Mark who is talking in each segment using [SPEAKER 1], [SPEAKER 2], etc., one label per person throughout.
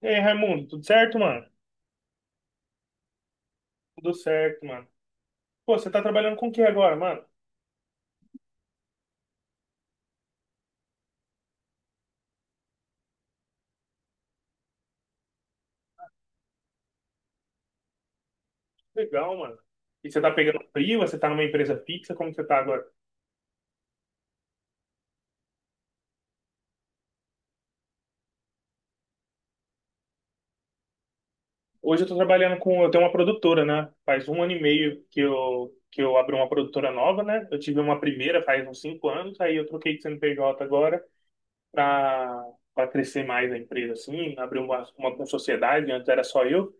[SPEAKER 1] E aí, Raimundo, tudo certo, mano? Tudo certo, mano. Pô, você tá trabalhando com o que agora, mano? Legal, mano. E você tá pegando freela? Você tá numa empresa fixa? Como que você tá agora? Hoje eu tô trabalhando com, eu tenho uma produtora, né? Faz um ano e meio que eu abri uma produtora nova, né? Eu tive uma primeira faz uns 5 anos, aí eu troquei de CNPJ agora pra, pra crescer mais a empresa, assim, abrir uma sociedade, antes era só eu.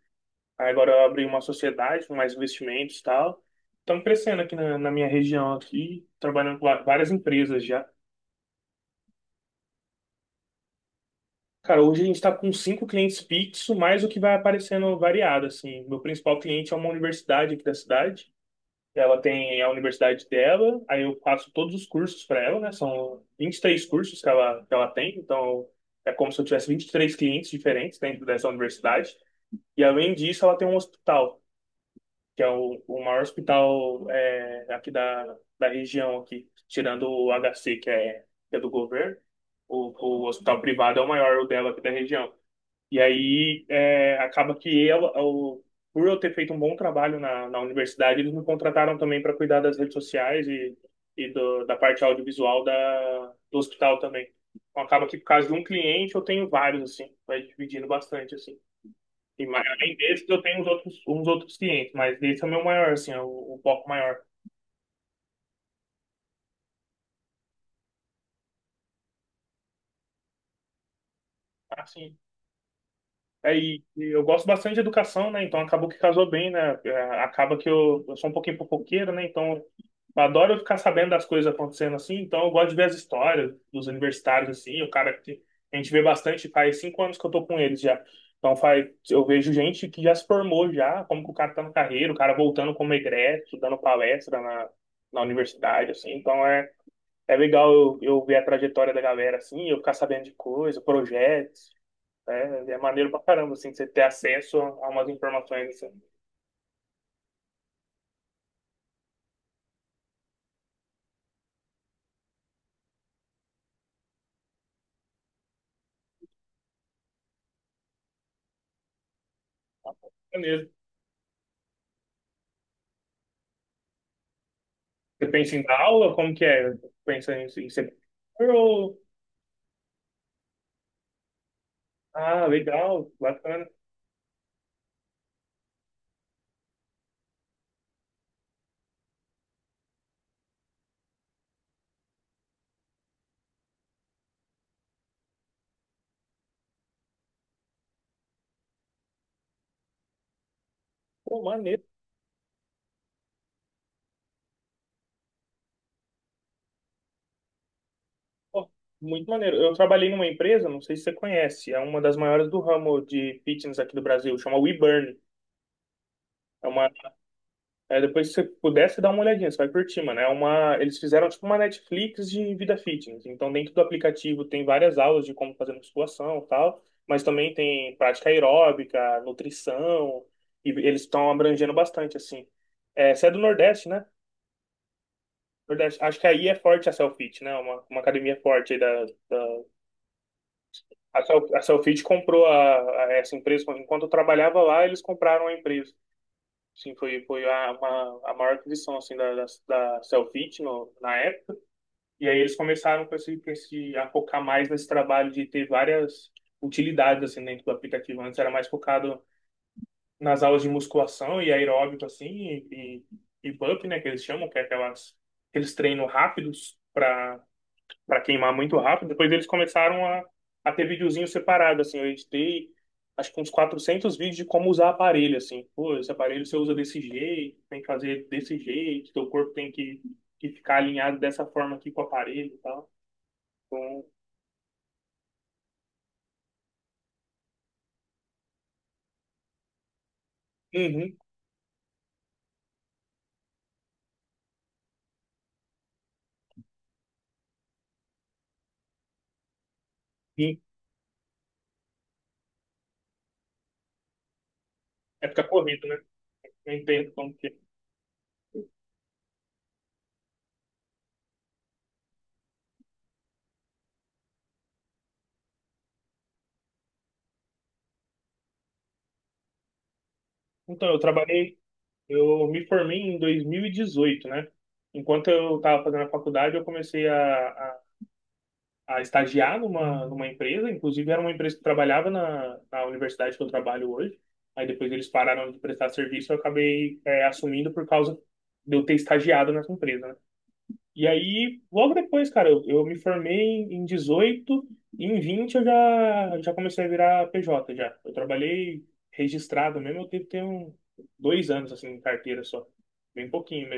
[SPEAKER 1] Aí agora eu abri uma sociedade com mais investimentos e tal. Estamos crescendo aqui na minha região aqui, trabalhando com várias empresas já. Cara, hoje a gente está com cinco clientes fixos, mais o que vai aparecendo variado, assim. Meu principal cliente é uma universidade aqui da cidade. Ela tem a universidade dela, aí eu faço todos os cursos para ela, né? São 23 cursos que ela tem, então é como se eu tivesse 23 clientes diferentes dentro dessa universidade. E além disso, ela tem um hospital, que é o maior hospital, é, aqui da região aqui, tirando o HC, que é do governo, o, o hospital privado é o maior, o dela aqui da região. E aí é, acaba que por eu ter feito um bom trabalho na universidade, eles me contrataram também para cuidar das redes sociais e da parte audiovisual do hospital também. Então acaba que por causa de um cliente eu tenho vários, assim, vai dividindo bastante, assim. E além desse, eu tenho uns outros clientes, mas esse é o meu maior, assim, é o foco maior. Assim, aí eu gosto bastante de educação, né? Então acabou que casou bem, né? É, acaba que eu sou um pouquinho fofoqueiro, né? Então eu adoro ficar sabendo das coisas acontecendo assim. Então eu gosto de ver as histórias dos universitários, assim. O cara que a gente vê bastante, faz 5 anos que eu tô com eles já. Então faz, eu vejo gente que já se formou já, como que o cara tá no carreira, o cara voltando como egresso, dando palestra na universidade, assim. Então é, é legal eu ver a trajetória da galera, assim, eu ficar sabendo de coisa, projetos, né? É maneiro pra caramba, assim, você ter acesso a umas informações, assim. Maneiro. Você pensa em dar aula? Como que é? Pensa em ser professor? Ah, legal, bacana. Pô, maneiro. Pô, muito maneiro. Eu trabalhei numa empresa, não sei se você conhece, é uma das maiores do ramo de fitness aqui do Brasil, chama WeBurn. Aí depois, se você pudesse dar uma olhadinha, você vai curtir, mano. Eles fizeram tipo uma Netflix de vida fitness. Então, dentro do aplicativo tem várias aulas de como fazer musculação e tal, mas também tem prática aeróbica, nutrição, e eles estão abrangendo bastante, assim. É, você é do Nordeste, né? Nordeste. Acho que aí é forte a Selfit, né? Uma academia forte aí da... A Selfit comprou a essa empresa. Enquanto eu trabalhava lá, eles compraram a empresa. Sim, foi a maior aquisição, assim, da Cellfit, no, na época. E aí eles começaram a focar mais nesse trabalho de ter várias utilidades assim, dentro do aplicativo. Antes era mais focado nas aulas de musculação e aeróbico, assim, e bump, né, que eles chamam, que é aquelas, aqueles treinos rápidos para queimar muito rápido. Depois eles começaram a ter videozinho separado, assim. Eu editei, acho que uns 400 vídeos de como usar aparelho, assim. Pô, esse aparelho você usa desse jeito, tem que fazer desse jeito, teu corpo tem que, ficar alinhado dessa forma aqui com o aparelho e tal. Então, uhum, sim, época corrida, né? Eu entendo como que é. Então, eu trabalhei, eu me formei em 2018, né? Enquanto eu estava fazendo a faculdade, eu comecei a estagiar numa empresa, inclusive era uma empresa que trabalhava na universidade que eu trabalho hoje. Aí depois eles pararam de prestar serviço, eu acabei é, assumindo por causa de eu ter estagiado nessa empresa, né? E aí, logo depois, cara, eu me formei em 18, e em 20 eu já comecei a virar PJ já. Eu trabalhei registrado mesmo, eu devo ter um, dois anos assim, em carteira só. Bem pouquinho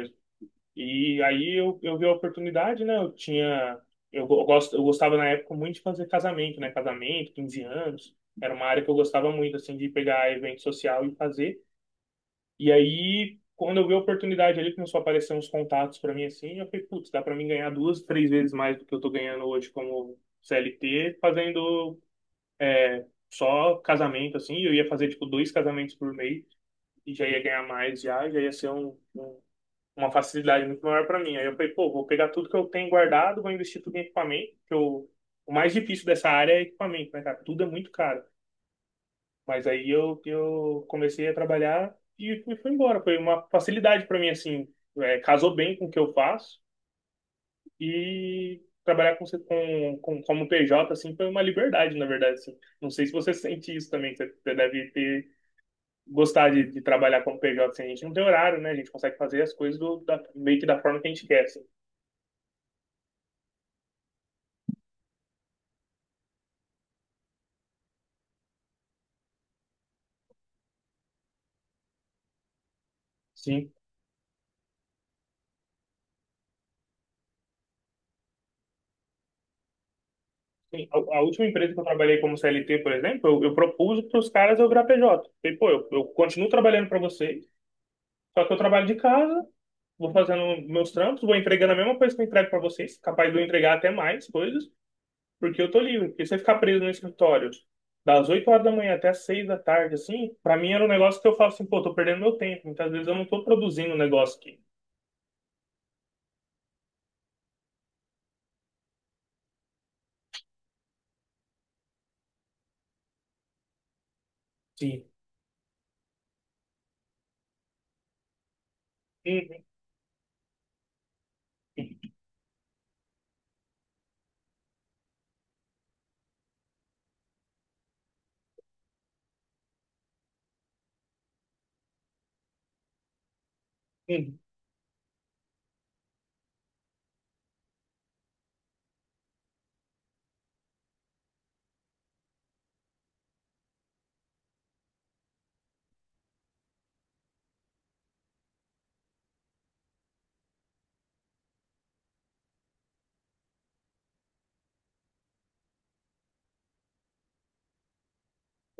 [SPEAKER 1] e aí eu vi a oportunidade, né? Eu tinha. Eu, go- eu gosto, eu gostava na época muito de fazer casamento, né? Casamento, 15 anos. Era uma área que eu gostava muito, assim, de pegar evento social e fazer. E aí, quando eu vi a oportunidade ali, começou a aparecer uns contatos para mim, assim. Eu falei, putz, dá para mim ganhar duas, três vezes mais do que eu tô ganhando hoje como CLT, fazendo é, só casamento, assim. Eu ia fazer, tipo, dois casamentos por mês e já ia ganhar mais, já, já ia ser um. Um uma facilidade muito maior para mim. Aí eu falei, pô, vou pegar tudo que eu tenho guardado, vou investir tudo em equipamento, que eu, o mais difícil dessa área é equipamento, né, cara? Tudo é muito caro. Mas aí eu comecei a trabalhar e fui embora. Foi uma facilidade para mim, assim, é, casou bem com o que eu faço e trabalhar como PJ, assim, foi uma liberdade, na verdade, assim. Não sei se você sente isso também, você deve ter gostar de, trabalhar como PJ, assim, a gente não tem horário, né? A gente consegue fazer as coisas meio que da forma que a gente quer, assim. Sim. Sim, a última empresa que eu trabalhei como CLT, por exemplo, eu propus para os caras eu virar PJ. Falei, pô, eu continuo trabalhando para vocês, só que eu trabalho de casa, vou fazendo meus trampos, vou entregando a mesma coisa que eu entrego para vocês, capaz de eu entregar até mais coisas, porque eu tô livre. Porque se eu ficar preso no escritório das 8 horas da manhã até as 6 da tarde, assim, para mim era um negócio que eu falo assim, pô, tô perdendo meu tempo. Muitas vezes eu não tô produzindo um negócio aqui. Sim. Uhum, uhum,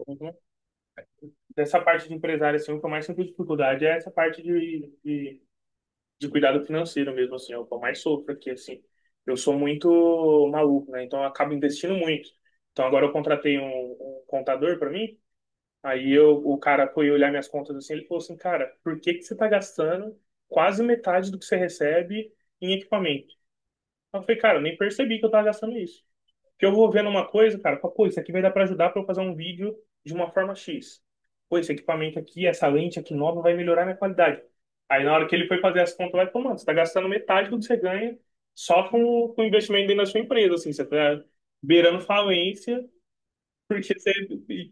[SPEAKER 1] uhum. Dessa parte de empresário, assim, o que eu mais sinto dificuldade é essa parte de cuidado financeiro mesmo, assim, é o que eu mais sofro aqui, assim. Eu sou muito maluco, né? Então eu acabo investindo muito. Então agora eu contratei um contador para mim, aí eu, o cara foi olhar minhas contas assim, ele falou assim, cara, por que que você tá gastando quase metade do que você recebe em equipamento? Eu falei, cara, eu nem percebi que eu tava gastando isso. Que eu vou vendo uma coisa, cara, eu falo, pô, isso aqui vai dar pra ajudar pra eu fazer um vídeo de uma forma X. Pô, esse equipamento aqui, essa lente aqui nova vai melhorar minha qualidade. Aí na hora que ele foi fazer as contas, vai, pô, mano, você tá gastando metade do que você ganha só com, investimento dentro da sua empresa, assim, você tá beirando falência, porque você.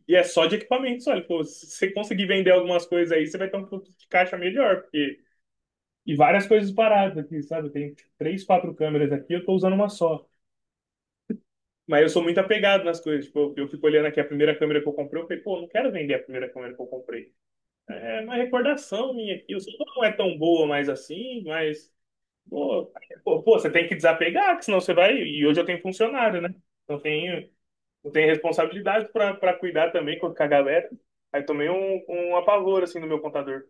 [SPEAKER 1] E é só de equipamentos, olha, pô, se você conseguir vender algumas coisas aí, você vai ter um fluxo de caixa melhor, porque. E várias coisas paradas aqui, sabe? Tem três, quatro câmeras aqui, eu tô usando uma só. Mas eu sou muito apegado nas coisas. Tipo, eu fico olhando aqui a primeira câmera que eu comprei. Eu falei, pô, não quero vender a primeira câmera que eu comprei. É uma recordação minha aqui. Eu sei que não é tão boa mais assim, mas. Pô, pô, você tem que desapegar, que senão você vai. E hoje eu tenho funcionário, né? Não tenho, não tenho responsabilidade pra cuidar também com a galera. Aí tomei um apavor, assim, no meu computador.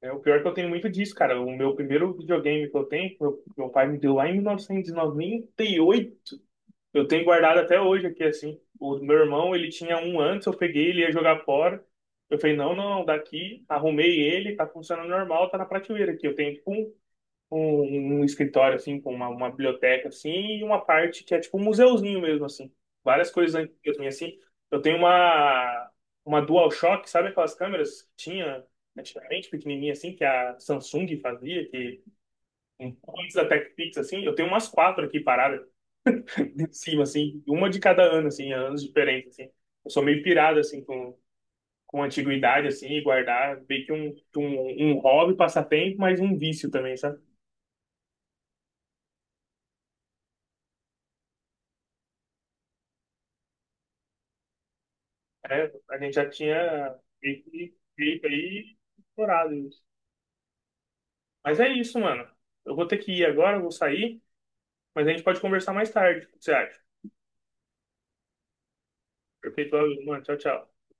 [SPEAKER 1] É, o pior é que eu tenho muito disso, cara. O meu primeiro videogame que eu tenho, meu pai me deu lá em 1998. Eu tenho guardado até hoje aqui, assim. O meu irmão, ele tinha um antes, eu peguei, ele ia jogar fora. Eu falei, não, não, daqui, arrumei ele, tá funcionando normal, tá na prateleira aqui. Eu tenho, tipo, um escritório, assim, com uma biblioteca, assim, e uma parte que é, tipo, um museuzinho mesmo, assim. Várias coisas antigas minhas, assim. Eu tenho uma DualShock, sabe aquelas câmeras que tinha antigamente, pequenininha, assim, que a Samsung fazia, que antes da TechPix, assim, eu tenho umas quatro aqui paradas de cima, assim, uma de cada ano, assim, anos diferentes, assim. Eu sou meio pirado, assim, com, antiguidade, assim, e guardar meio que um hobby, passatempo, mas um vício também, sabe? É, a gente já tinha meio que feito aí, explorado isso. Mas é isso, mano. Eu vou ter que ir agora, eu vou sair, mas a gente pode conversar mais tarde, o que você acha? Perfeito, mano. Tchau, tchau.